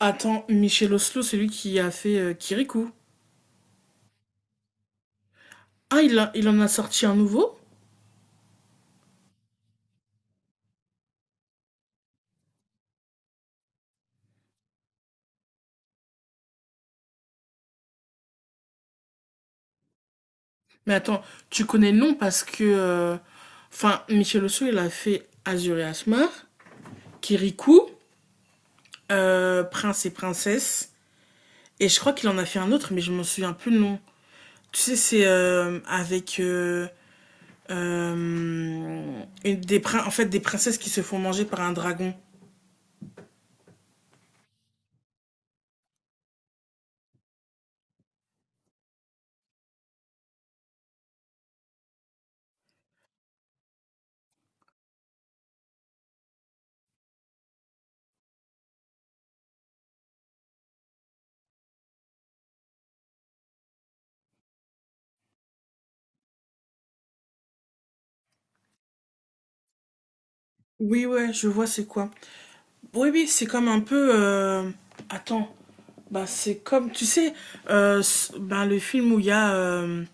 Attends, Michel Oslo, c'est lui qui a fait Kirikou. Ah, il en a sorti un nouveau? Mais attends, tu connais le nom parce que. Enfin, Michel Oslo, il a fait Azur et Asmar, Kirikou, Prince et Princesse. Et je crois qu'il en a fait un autre, mais je m'en souviens plus le nom. Tu sais, c'est avec. euh, en fait, des princesses qui se font manger par un dragon. Oui, ouais, je vois c'est quoi. Oui, oui, c'est comme un peu. Attends, bah, c'est comme, tu sais, ben, le film où il y a. euh,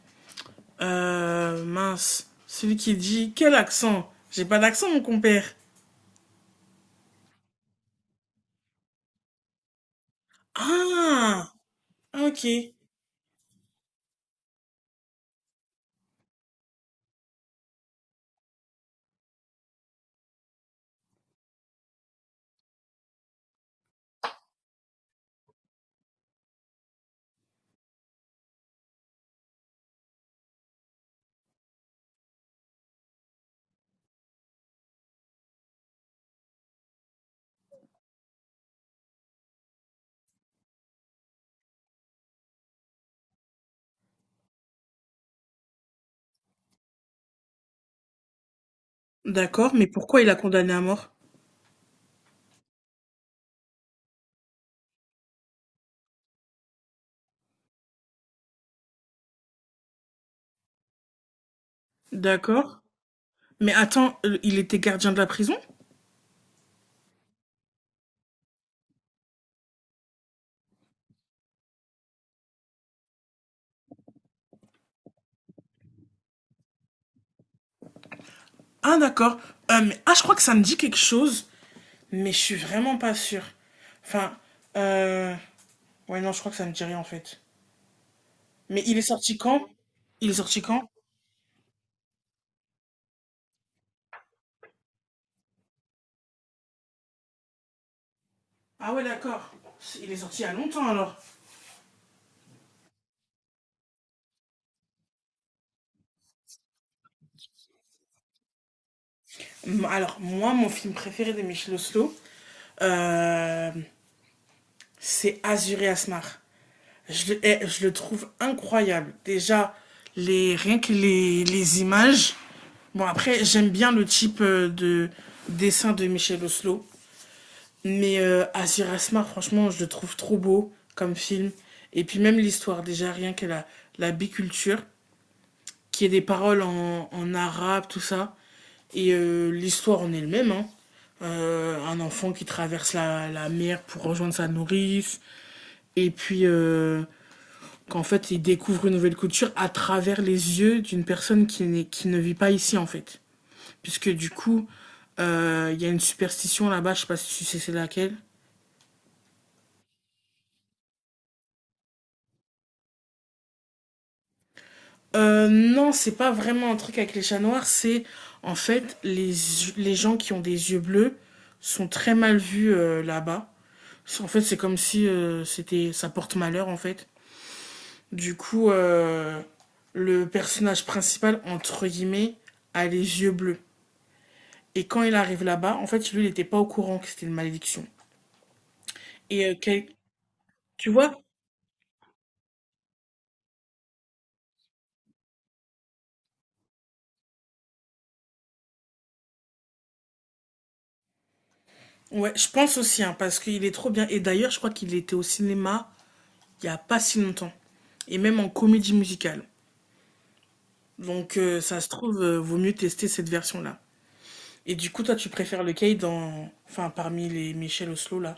euh, Mince, celui qui dit: « Quel accent? J'ai pas d'accent, mon compère. » Ah, ok. D'accord, mais pourquoi il a condamné à mort? D'accord. Mais attends, il était gardien de la prison? Ah, d'accord. Ah, je crois que ça me dit quelque chose, mais je suis vraiment pas sûre. Enfin, euh... ouais, non, je crois que ça me dit rien en fait. Mais il est sorti quand? Il est sorti quand? Ah ouais, d'accord. Il est sorti il y a longtemps alors. Alors, moi, mon film préféré de Michel Oslo, euh, c'est Azur et Asmar. Je le trouve incroyable. Déjà, rien que les images. Bon, après, j'aime bien le type de dessin de Michel Oslo. Mais Azir Asmar, franchement, je le trouve trop beau comme film. Et puis même l'histoire, déjà, rien que la biculture, qu'il y ait des paroles en arabe, tout ça. Et l'histoire en elle-même, hein. Un enfant qui traverse la mer pour rejoindre sa nourrice, et puis qu'en fait il découvre une nouvelle culture à travers les yeux d'une personne qui ne vit pas ici en fait. Puisque du coup, il y a une superstition là-bas, je sais pas si tu sais c'est laquelle. Non, c'est pas vraiment un truc avec les chats noirs, c'est en fait les gens qui ont des yeux bleus sont très mal vus là-bas. En fait, c'est comme si c'était, ça porte malheur en fait. Du coup, le personnage principal entre guillemets a les yeux bleus. Et quand il arrive là-bas, en fait, lui, il n'était pas au courant que c'était une malédiction. Et tu vois, ouais, je pense aussi hein, parce qu'il est trop bien. Et d'ailleurs, je crois qu'il était au cinéma il y a pas si longtemps et même en comédie musicale. Donc ça se trouve, vaut mieux tester cette version-là. Et du coup, toi, tu préfères lequel dans... enfin, parmi les Michel Oslo, là?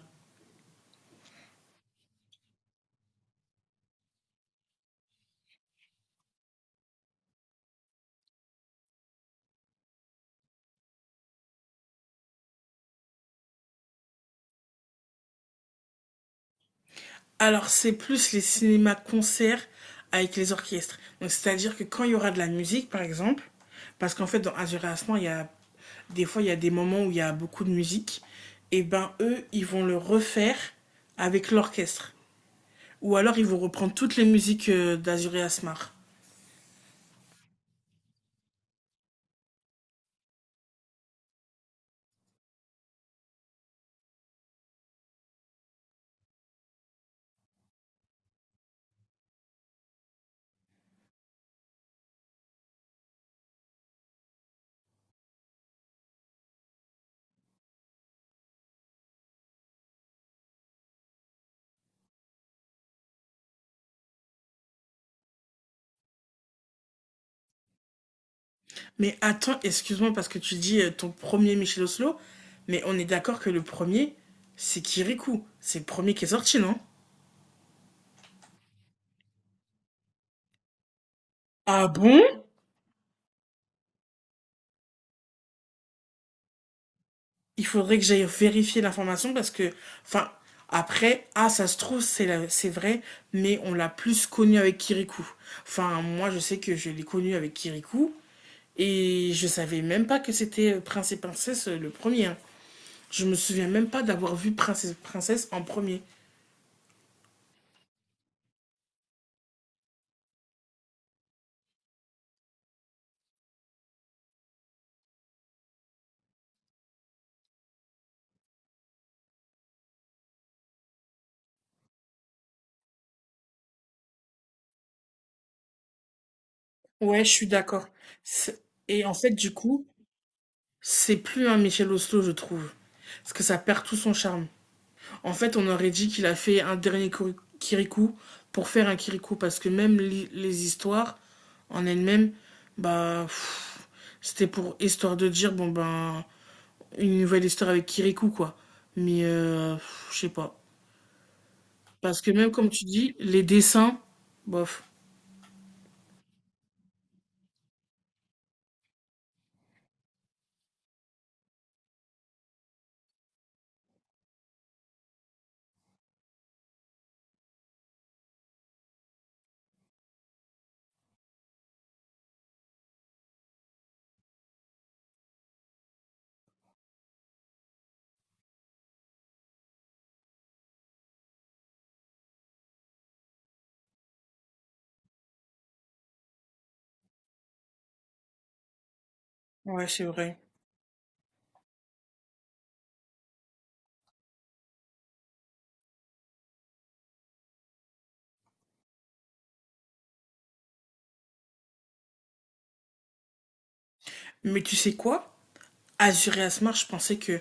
Alors, c'est plus les cinémas-concerts avec les orchestres. Donc, c'est-à-dire que quand il y aura de la musique, par exemple, parce qu'en fait, dans Azur et Asman, il y a... des fois, il y a des moments où il y a beaucoup de musique, et ben, eux, ils vont le refaire avec l'orchestre. Ou alors, ils vont reprendre toutes les musiques d'Azur et Asmar. Mais attends, excuse-moi parce que tu dis ton premier Michel Oslo, mais on est d'accord que le premier, c'est Kirikou. C'est le premier qui est sorti, non? Ah bon? Il faudrait que j'aille vérifier l'information parce que, enfin, après, ah, ça se trouve, c'est vrai, mais on l'a plus connu avec Kirikou. Enfin, moi, je sais que je l'ai connu avec Kirikou et je savais même pas que c'était Prince et Princesse le premier, hein. Je me souviens même pas d'avoir vu Prince et Princesse en premier. Ouais, je suis d'accord. Et en fait, du coup, c'est plus un Michel Oslo, je trouve. Parce que ça perd tout son charme. En fait, on aurait dit qu'il a fait un Kirikou pour faire un Kirikou. Parce que les histoires en elles-mêmes, bah, pff, c'était pour histoire de dire, bon, ben, une nouvelle histoire avec Kirikou, quoi. Mais, pff, je sais pas. Parce que même comme tu dis, les dessins, bof. Ouais, c'est vrai. Mais tu sais quoi? Azure et Asmar, je pensais que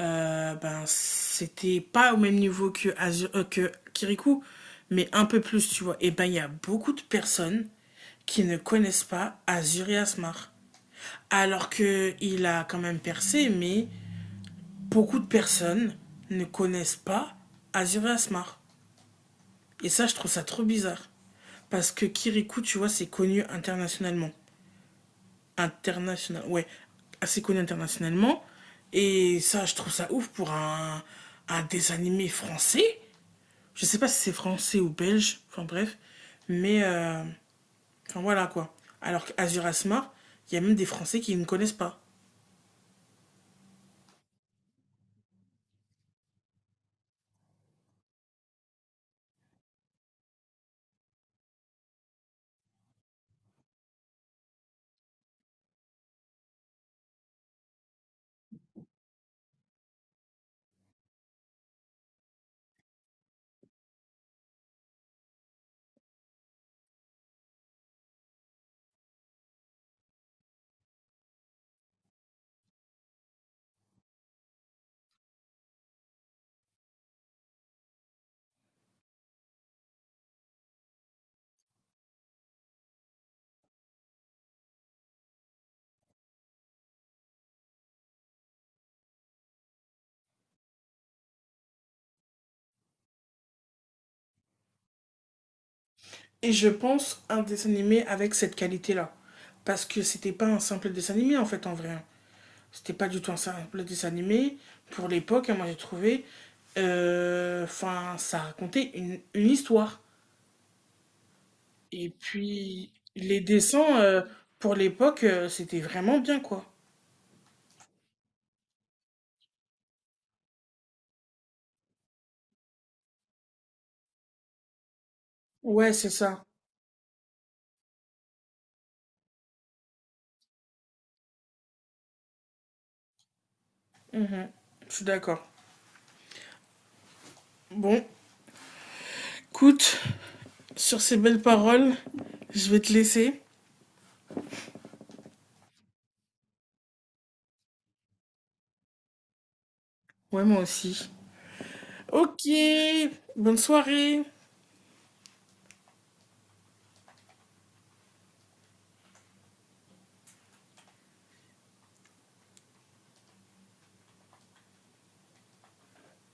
ben, c'était pas au même niveau que, que Kirikou, mais un peu plus, tu vois. Et ben, il y a beaucoup de personnes qui ne connaissent pas Azure et Asmar. Alors que il a quand même percé, mais beaucoup de personnes ne connaissent pas Azure et Asmar. Et ça, je trouve ça trop bizarre. Parce que Kirikou, tu vois, c'est connu internationalement, international, ouais, assez connu internationalement. Et ça, je trouve ça ouf pour un dessin animé français. Je sais pas si c'est français ou belge, enfin bref. Mais, enfin voilà quoi. Alors qu'Azur Asmar, il y a même des Français qui ne connaissent pas. Et je pense un dessin animé avec cette qualité-là. Parce que c'était pas un simple dessin animé en fait en vrai, hein. C'était pas du tout un simple dessin animé. Pour l'époque, hein, moi j'ai trouvé. Enfin, ça racontait une histoire. Et puis, les dessins, pour l'époque, c'était vraiment bien, quoi. Ouais, c'est ça. Mhm. Je suis d'accord. Bon, écoute, sur ces belles paroles, je vais te laisser. Ouais, moi aussi. Ok, bonne soirée.